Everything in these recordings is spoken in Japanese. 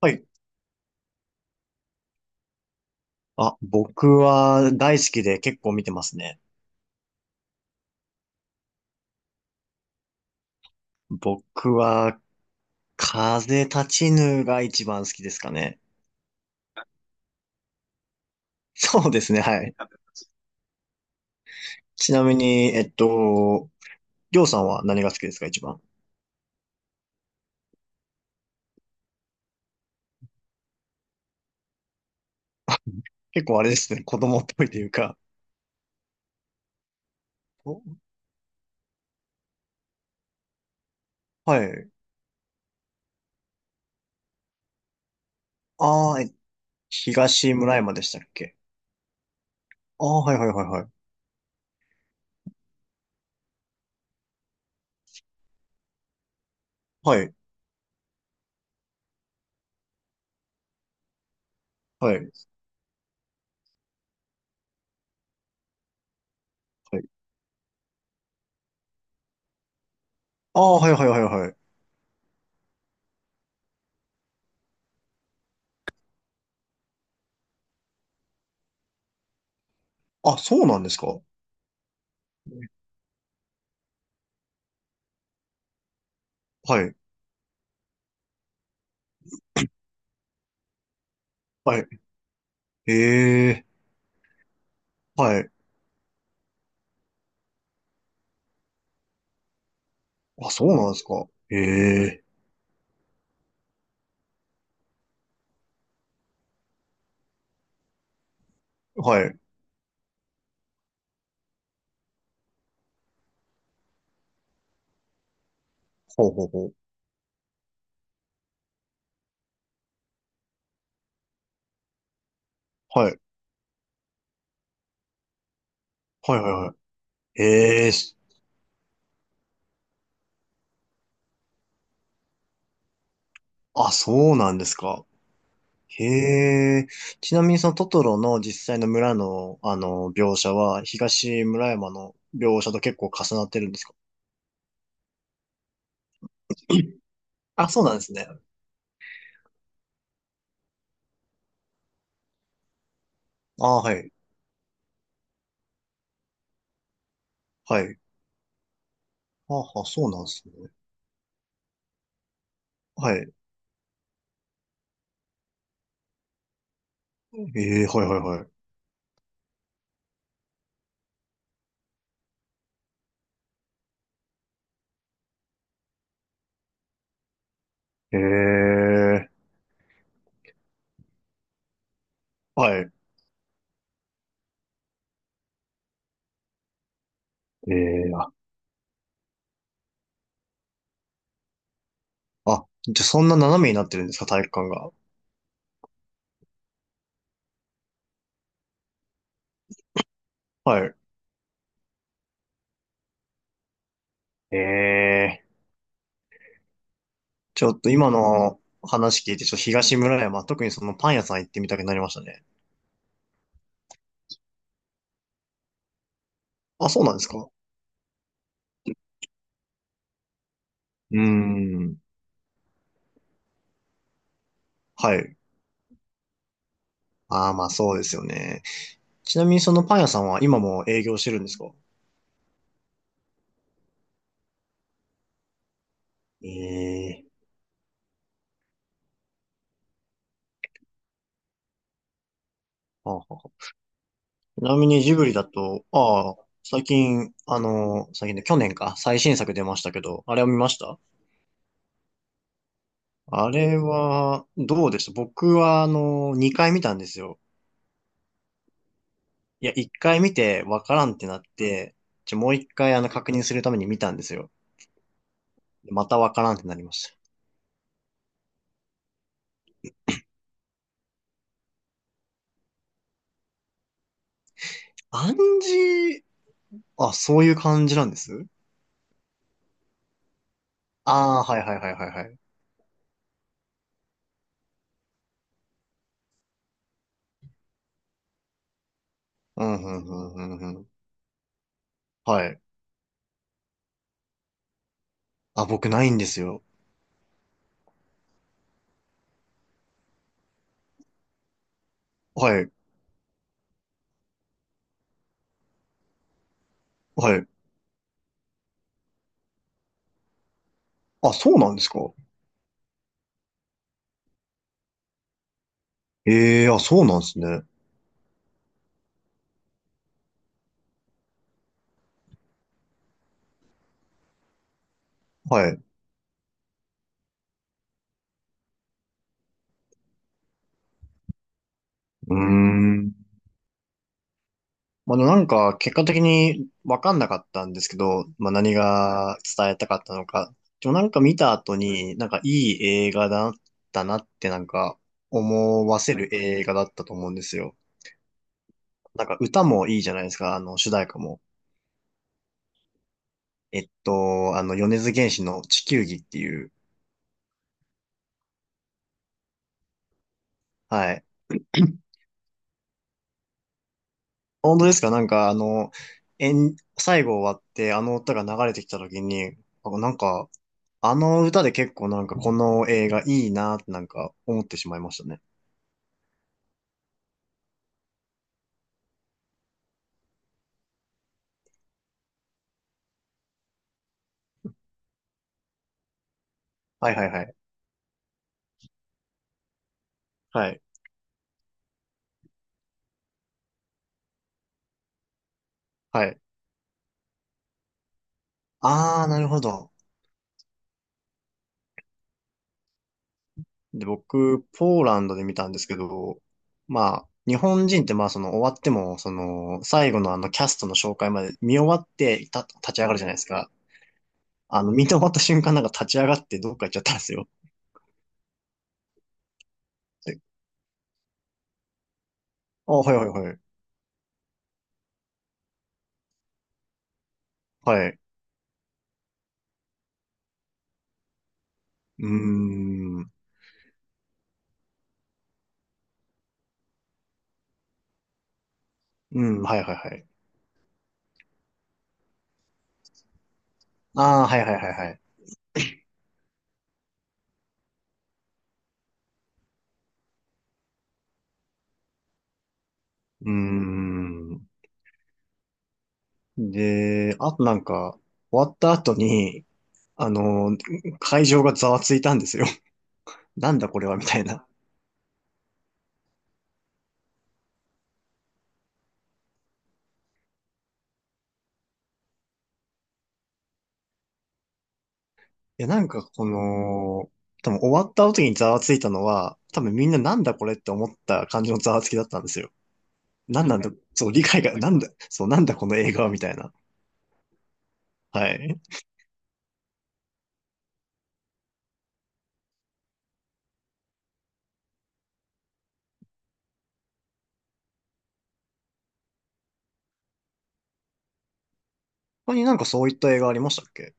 はい。あ、僕は大好きで結構見てますね。僕は、風立ちぬが一番好きですかね。そうですね、はい。ちなみに、りょうさんは何が好きですか、一番。結構あれですね、子供っぽいというか。お、はい。ああ、え、東村山でしたっけ？ああ、はいはいはいはい。はい、はい、はい。ああ、はいはいはいはい。あ、そうなんですか。はい、はい。ええ、はい。あ、そうなんですか。ええ、はい。ほうほうほう。はい。はいはいはい。ええ、す、あ、そうなんですか。へえ。ちなみにそのトトロの実際の村の、描写は、東村山の描写と結構重なってるんですか？うん。 あ、そうなんですね。あ、はい。はい。あ、あ、そうなんですね。はい。ええ、はいはいはい。ええ、はい。ええ、あ、あ、じゃあそんな斜めになってるんですか、体育館が。はい。ええ。ちょっと今の話聞いて、ちょっと東村山、特にそのパン屋さん行ってみたくなりましたね。あ、そうなんですか？うーん。はい。ああ、まあそうですよね。ちなみにそのパン屋さんは今も営業してるんですか？ええー、はあはあ。ちなみにジブリだと、ああ、最近、最近で、去年か、最新作出ましたけど、あれを見ました？あれは、どうでした？僕は、2回見たんですよ。いや、1回見て、わからんってなって、ちょ、もう1回、確認するために見たんですよ。またわからんってなりました。暗示、あ、そういう感じなんです？ああー、はいはいはいはいはい。うん、うん、うん、うん、うん。はい。あ、僕ないんですよ。はい、はい。あ、そうなんですか？ええー、あ、そうなんですね。はい。うーん。まあ、でもなんか、結果的にわかんなかったんですけど、まあ、何が伝えたかったのか。でもなんか見た後に、なんかいい映画だったなってなんか思わせる映画だったと思うんですよ。なんか歌もいいじゃないですか、主題歌も。米津玄師の地球儀っていう。はい。本当ですか？なんか、えん、最後終わって、あの歌が流れてきた時に、あ、なんか、あの歌で結構なんかこの映画いいなってなんか思ってしまいましたね。はいはいはい。はい。はい。あー、なるほど。で、僕、ポーランドで見たんですけど、まあ、日本人ってまあ、その終わっても、その、最後のあのキャストの紹介まで見終わってた立ち上がるじゃないですか。見て終わった瞬間なんか立ち上がってどっか行っちゃったんですよ。で、あ、はいはいはい。はい。うーん。うん、はいはいはい。ああ、はいはいはいはい。うーん。で、あとなんか、終わった後に、あの、会場がざわついたんですよ。なんだこれはみたいな。いや、なんかこの、多分終わった後にざわついたのは、多分みんななんだこれって思った感じのざわつきだったんですよ。なんなんだ、そう、理解が、なんだ、そう、なんだこの映画はみたいな。はい。他になんかそういった映画ありましたっけ？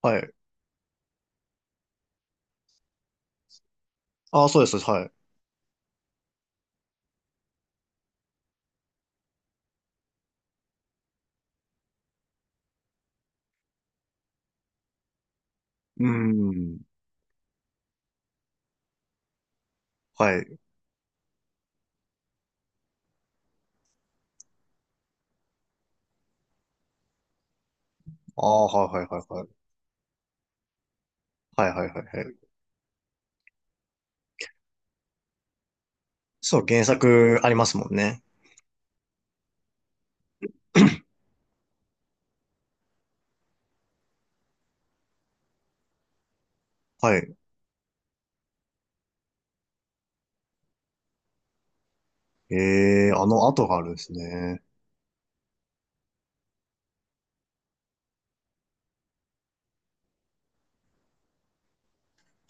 はい。ああ、そうです、はい。うーん。はい。ああ、はいはいはいはい。はいはいはいはい。そう、原作ありますもんね。はい。ええ、あの後があるんですね。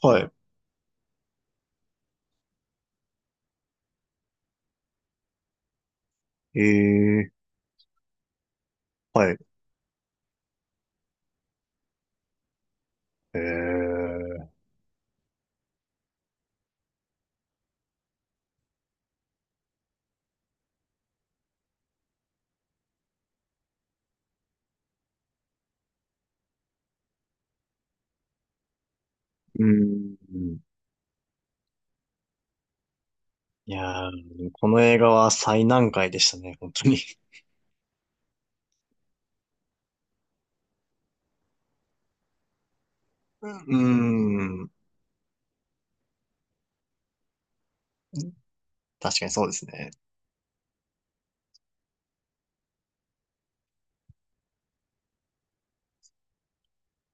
はい。ええ、はい。ええ、うーん。いやー、この映画は最難解でしたね、本当に。うーん。確かにそうですね。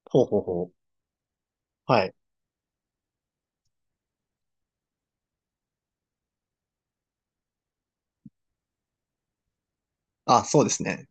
ほうほうほう。はい。あ、そうですね。